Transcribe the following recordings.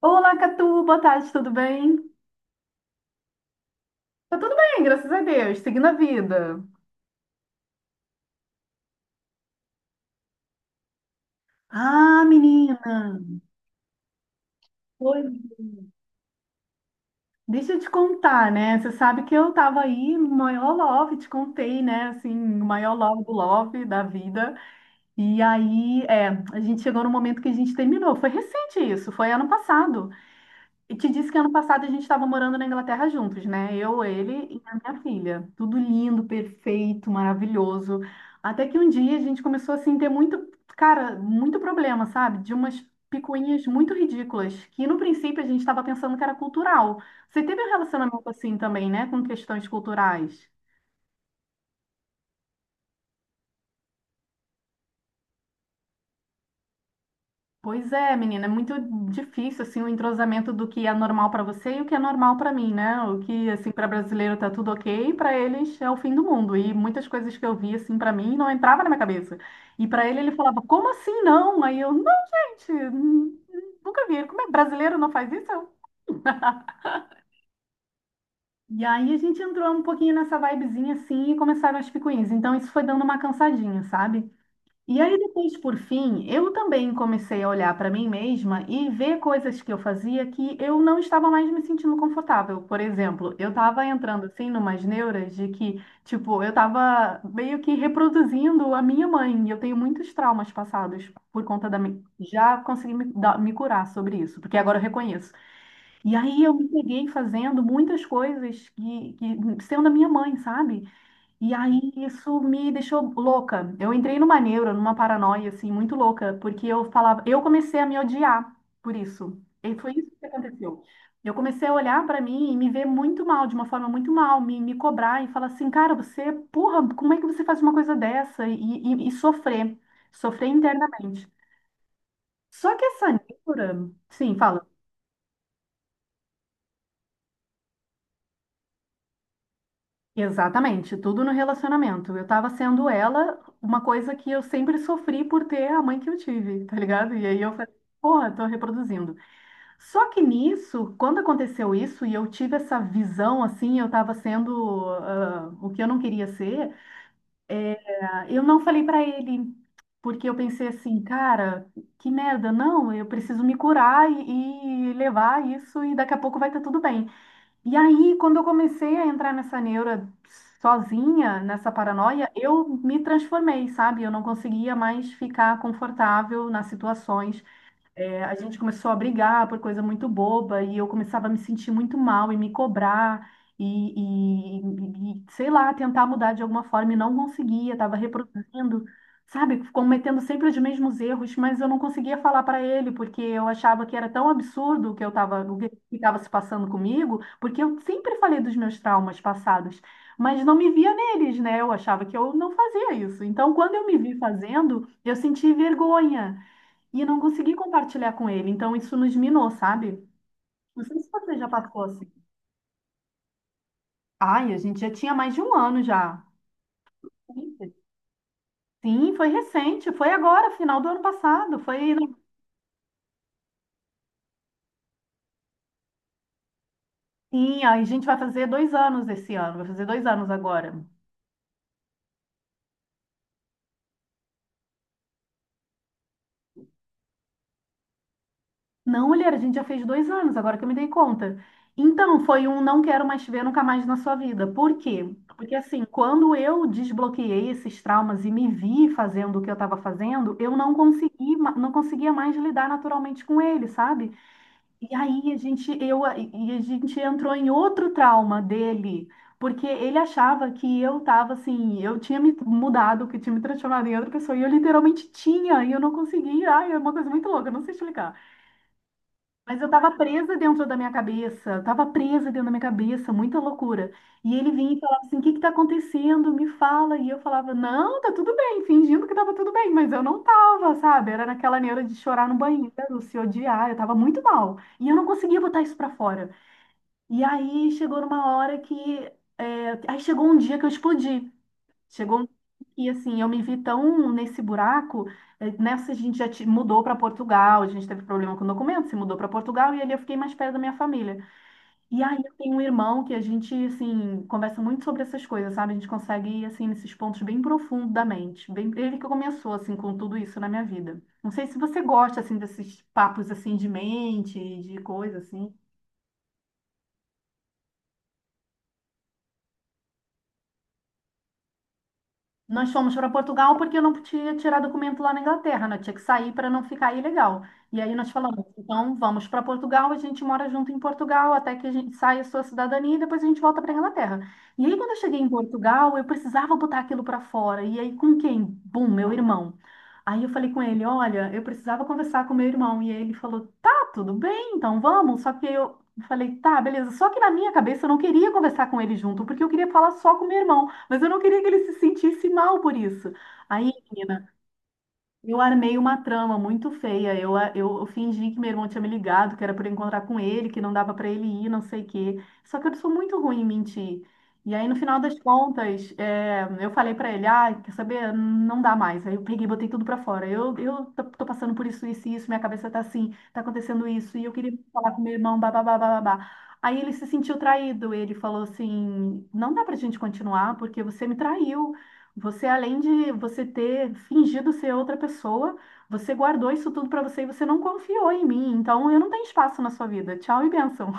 Olá, Catu, boa tarde, tudo bem? Tá tudo bem, graças a Deus, seguindo a vida. Ah, menina, oi. Deixa eu te contar, né? Você sabe que eu tava aí no maior love, te contei, né? Assim, o maior love do love da vida. E aí, é, a gente chegou no momento que a gente terminou. Foi recente isso, foi ano passado. E te disse que ano passado a gente estava morando na Inglaterra juntos, né? Eu, ele e a minha filha. Tudo lindo, perfeito, maravilhoso. Até que um dia a gente começou assim, ter muito, cara, muito problema, sabe? De umas picuinhas muito ridículas, que no princípio a gente estava pensando que era cultural. Você teve um relacionamento assim também, né? Com questões culturais. Pois é, menina, é muito difícil assim o entrosamento do que é normal para você e o que é normal para mim, né? O que assim para brasileiro tá tudo OK, para eles é o fim do mundo. E muitas coisas que eu vi assim para mim não entrava na minha cabeça. E para ele ele falava: "Como assim não?" Aí eu: "Não, gente, nunca vi. Como é brasileiro não faz isso?" E aí a gente entrou um pouquinho nessa vibezinha assim e começaram as picuinhas. Então isso foi dando uma cansadinha, sabe? E aí depois, por fim, eu também comecei a olhar para mim mesma e ver coisas que eu fazia que eu não estava mais me sentindo confortável. Por exemplo, eu estava entrando assim numas neuras de que, tipo, eu estava meio que reproduzindo a minha mãe. E eu tenho muitos traumas passados por conta da minha... Já consegui me, me curar sobre isso, porque agora eu reconheço. E aí eu me peguei fazendo muitas coisas que sendo a minha mãe, sabe? E aí isso me deixou louca. Eu entrei numa neura, numa paranoia assim muito louca, porque eu falava, eu comecei a me odiar por isso. E foi isso que aconteceu. Eu comecei a olhar pra mim e me ver muito mal, de uma forma muito mal, me cobrar e falar assim, cara, você, porra, como é que você faz uma coisa dessa? E sofrer, sofrer internamente. Só que essa neura, sim, fala. Exatamente, tudo no relacionamento. Eu tava sendo ela, uma coisa que eu sempre sofri por ter a mãe que eu tive, tá ligado? E aí eu falei, porra, tô reproduzindo. Só que nisso, quando aconteceu isso e eu tive essa visão assim, eu tava sendo o que eu não queria ser, ah, eu não falei pra ele, porque eu pensei assim, cara, que merda, não, eu preciso me curar e levar isso e daqui a pouco vai estar tudo bem. E aí, quando eu comecei a entrar nessa neura sozinha, nessa paranoia, eu me transformei, sabe? Eu não conseguia mais ficar confortável nas situações. É, a gente começou a brigar por coisa muito boba e eu começava a me sentir muito mal e me cobrar e, e, sei lá, tentar mudar de alguma forma e não conseguia, estava reproduzindo, sabe, cometendo sempre os mesmos erros, mas eu não conseguia falar para ele porque eu achava que era tão absurdo o que eu estava, o que estava se passando comigo, porque eu sempre falei dos meus traumas passados, mas não me via neles, né? Eu achava que eu não fazia isso. Então, quando eu me vi fazendo, eu senti vergonha. E eu não consegui compartilhar com ele, então isso nos minou, sabe? Não sei se você já passou assim. Ai, a gente já tinha mais de 1 ano já. Sim, foi recente, foi agora, final do ano passado. Foi. Sim, aí a gente vai fazer 2 anos esse ano, vai fazer 2 anos agora. Não, mulher, a gente já fez 2 anos, agora que eu me dei conta. Então, foi um não quero mais te ver nunca mais na sua vida. Por quê? Porque assim, quando eu desbloqueei esses traumas e me vi fazendo o que eu estava fazendo, eu não consegui, não conseguia mais lidar naturalmente com ele, sabe? E aí a gente, eu, e a gente entrou em outro trauma dele, porque ele achava que eu estava assim, eu tinha me mudado, que tinha me transformado em outra pessoa, e eu literalmente tinha, e eu não conseguia. Ai, é uma coisa muito louca, eu não sei explicar. Mas eu tava presa dentro da minha cabeça, eu tava presa dentro da minha cabeça, muita loucura. E ele vinha e falava assim: o que que tá acontecendo? Me fala. E eu falava: não, tá tudo bem, fingindo que tava tudo bem, mas eu não tava, sabe? Era naquela neura de chorar no banheiro, se odiar, eu tava muito mal. E eu não conseguia botar isso pra fora. E aí chegou numa hora que. Aí chegou um dia que eu explodi. Chegou um e assim, eu me vi tão nesse buraco, nessa a gente já mudou para Portugal, a gente teve problema com o documento, se mudou para Portugal e ali eu fiquei mais perto da minha família. E aí eu tenho um irmão que a gente assim conversa muito sobre essas coisas, sabe? A gente consegue ir assim nesses pontos bem profundos da mente. Bem, ele que começou assim com tudo isso na minha vida. Não sei se você gosta assim desses papos assim de mente, de coisa assim. Nós fomos para Portugal porque eu não podia tirar documento lá na Inglaterra, né? Eu tinha que sair para não ficar ilegal. E aí nós falamos, então vamos para Portugal, a gente mora junto em Portugal até que a gente saia a sua cidadania e depois a gente volta para Inglaterra. E aí quando eu cheguei em Portugal, eu precisava botar aquilo para fora. E aí com quem? Bum, meu irmão. Aí eu falei com ele, olha, eu precisava conversar com meu irmão. E aí ele falou, tá, tudo bem, então vamos. Só que eu falei, tá, beleza. Só que na minha cabeça eu não queria conversar com ele junto, porque eu queria falar só com meu irmão. Mas eu não queria que ele se sentisse mal por isso. Aí, menina, eu armei uma trama muito feia. Eu fingi que meu irmão tinha me ligado, que era para encontrar com ele, que não dava para ele ir, não sei o quê. Só que eu sou muito ruim em mentir. E aí, no final das contas, é, eu falei para ele: ah, quer saber? Não dá mais. Aí eu peguei e botei tudo para fora. Eu tô passando por isso, isso, e isso, minha cabeça tá assim, tá acontecendo isso, e eu queria falar com meu irmão, babá, babá. Babá. Aí ele se sentiu traído. Ele falou assim: não dá pra gente continuar, porque você me traiu. Você, além de você ter fingido ser outra pessoa, você guardou isso tudo para você e você não confiou em mim. Então, eu não tenho espaço na sua vida. Tchau e bênção.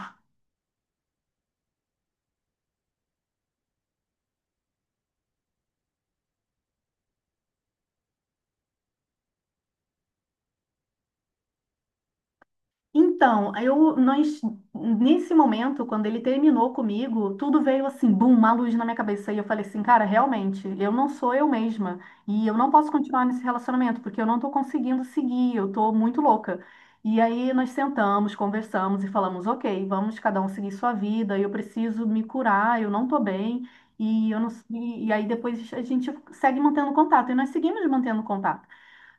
Então, nós, nesse momento, quando ele terminou comigo, tudo veio assim, bum, uma luz na minha cabeça. E eu falei assim, cara, realmente, eu não sou eu mesma. E eu não posso continuar nesse relacionamento, porque eu não tô conseguindo seguir, eu tô muito louca. E aí nós sentamos, conversamos e falamos, ok, vamos cada um seguir sua vida, eu preciso me curar, eu não tô bem. E, eu não, e aí depois a gente segue mantendo contato. E nós seguimos mantendo contato.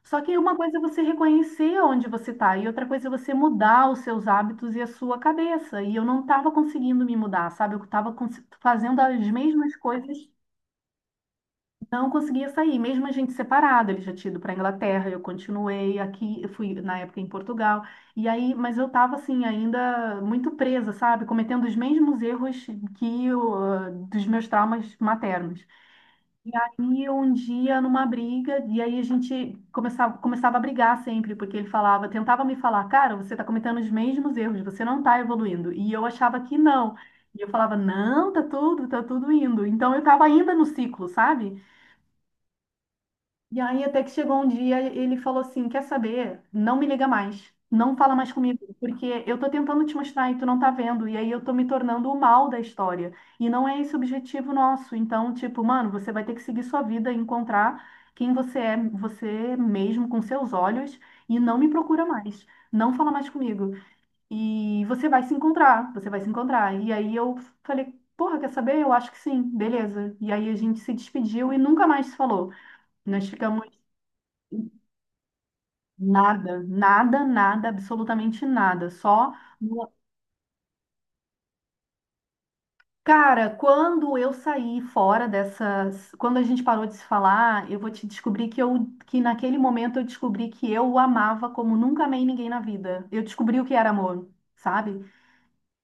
Só que uma coisa é você reconhecer onde você está, e outra coisa é você mudar os seus hábitos e a sua cabeça. E eu não estava conseguindo me mudar, sabe? Eu estava fazendo as mesmas coisas não conseguia sair, mesmo a gente separado, ele já tinha ido para Inglaterra, eu continuei aqui, eu fui na época em Portugal. E aí, mas eu estava assim ainda muito presa, sabe, cometendo os mesmos erros que eu, ah, dos meus traumas maternos. E aí, um dia, numa briga, e aí a gente começava, começava a brigar sempre, porque ele falava, tentava me falar, cara, você está cometendo os mesmos erros, você não está evoluindo. E eu achava que não. E eu falava, não, tá tudo indo. Então eu estava ainda no ciclo, sabe? E aí até que chegou um dia, ele falou assim: Quer saber? Não me liga mais. Não fala mais comigo, porque eu tô tentando te mostrar e tu não tá vendo. E aí eu tô me tornando o mal da história. E não é esse o objetivo nosso. Então, tipo, mano, você vai ter que seguir sua vida, e encontrar quem você é, você mesmo, com seus olhos, e não me procura mais. Não fala mais comigo. E você vai se encontrar, você vai se encontrar. E aí eu falei, porra, quer saber? Eu acho que sim, beleza. E aí a gente se despediu e nunca mais se falou. Nós ficamos Nada, nada, nada, absolutamente nada. Só, no- cara, quando eu saí fora dessas, quando a gente parou de se falar, eu vou te descobrir que que naquele momento eu descobri que eu o amava como nunca amei ninguém na vida. Eu descobri o que era amor, sabe?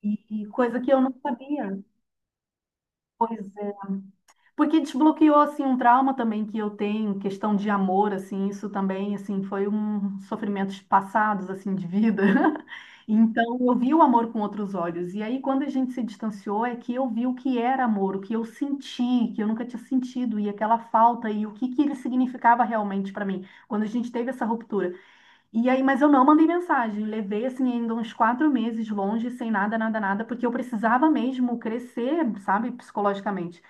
E coisa que eu não sabia. Pois Porque desbloqueou assim um trauma também que eu tenho, questão de amor, assim, isso também assim foi um sofrimentos passados assim de vida. Então eu vi o amor com outros olhos. E aí quando a gente se distanciou é que eu vi o que era amor, o que eu senti, que eu nunca tinha sentido e aquela falta e o que que ele significava realmente para mim. Quando a gente teve essa ruptura, e aí, mas eu não mandei mensagem. Levei assim ainda uns 4 meses longe, sem nada, nada, nada, porque eu precisava mesmo crescer, sabe, psicologicamente.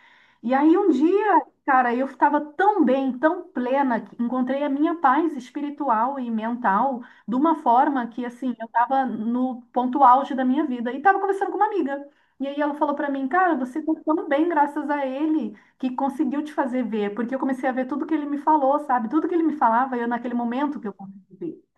E aí um dia, cara, eu estava tão bem, tão plena, que encontrei a minha paz espiritual e mental de uma forma que assim, eu estava no ponto auge da minha vida e estava conversando com uma amiga. E aí ela falou para mim, cara, você está tão bem graças a ele que conseguiu te fazer ver, porque eu comecei a ver tudo que ele me falou, sabe? Tudo que ele me falava, eu naquele momento que eu consegui ver.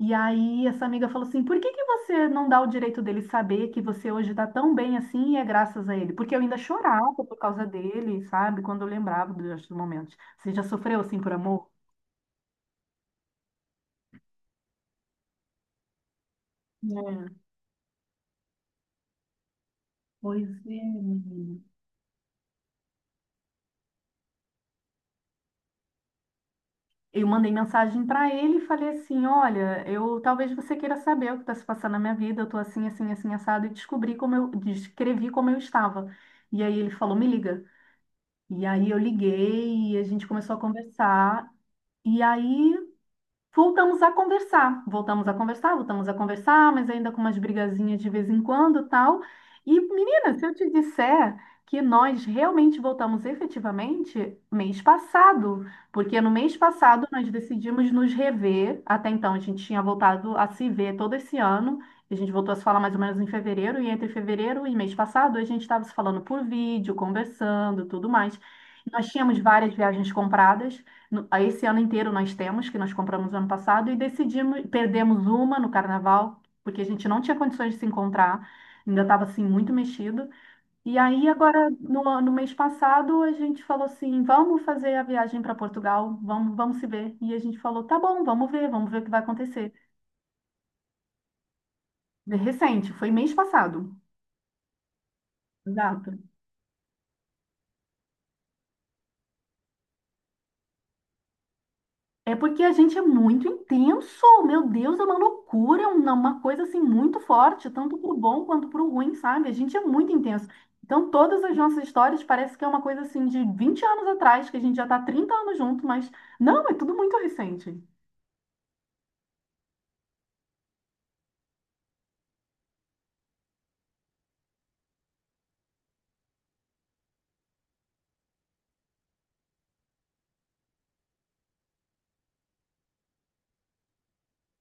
E aí essa amiga falou assim: por que que você não dá o direito dele saber que você hoje está tão bem assim e é graças a ele? Porque eu ainda chorava por causa dele, sabe? Quando eu lembrava dos momentos. Você já sofreu assim por amor? É, pois é, menina. Eu mandei mensagem para ele e falei assim: Olha, eu talvez você queira saber o que está se passando na minha vida. Eu tô assim, assim, assim, assado e descobri como eu descrevi como eu estava. E aí ele falou: Me liga. E aí eu liguei e a gente começou a conversar. E aí Voltamos a conversar, voltamos a conversar, voltamos a conversar, mas ainda com umas brigazinhas de vez em quando, tal. E, menina, se eu te disser que nós realmente voltamos efetivamente mês passado, porque no mês passado nós decidimos nos rever, até então a gente tinha voltado a se ver todo esse ano, e a gente voltou a se falar mais ou menos em fevereiro, e entre fevereiro e mês passado a gente estava se falando por vídeo, conversando, tudo mais. Nós tínhamos várias viagens compradas. No- a Esse ano inteiro nós temos, que nós compramos ano passado, e decidimos, perdemos uma no carnaval, porque a gente não tinha condições de se encontrar, ainda estava assim muito mexido. E aí, agora, no mês passado, a gente falou assim: vamos fazer a viagem para Portugal, vamos, vamos se ver. E a gente falou: tá bom, vamos ver o que vai acontecer. Recente, foi mês passado. Exato. É porque a gente é muito intenso, meu Deus, é uma loucura, é uma coisa assim muito forte, tanto pro bom quanto pro ruim, sabe? A gente é muito intenso. Então, todas as nossas histórias parece que é uma coisa assim de 20 anos atrás, que a gente já tá 30 anos junto, mas não, é tudo muito recente.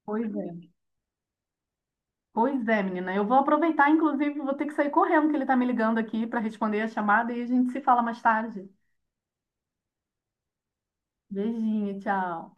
Pois é. Pois é, menina, eu vou aproveitar, inclusive, vou ter que sair correndo, que ele tá me ligando aqui para responder a chamada e a gente se fala mais tarde. Beijinho, tchau.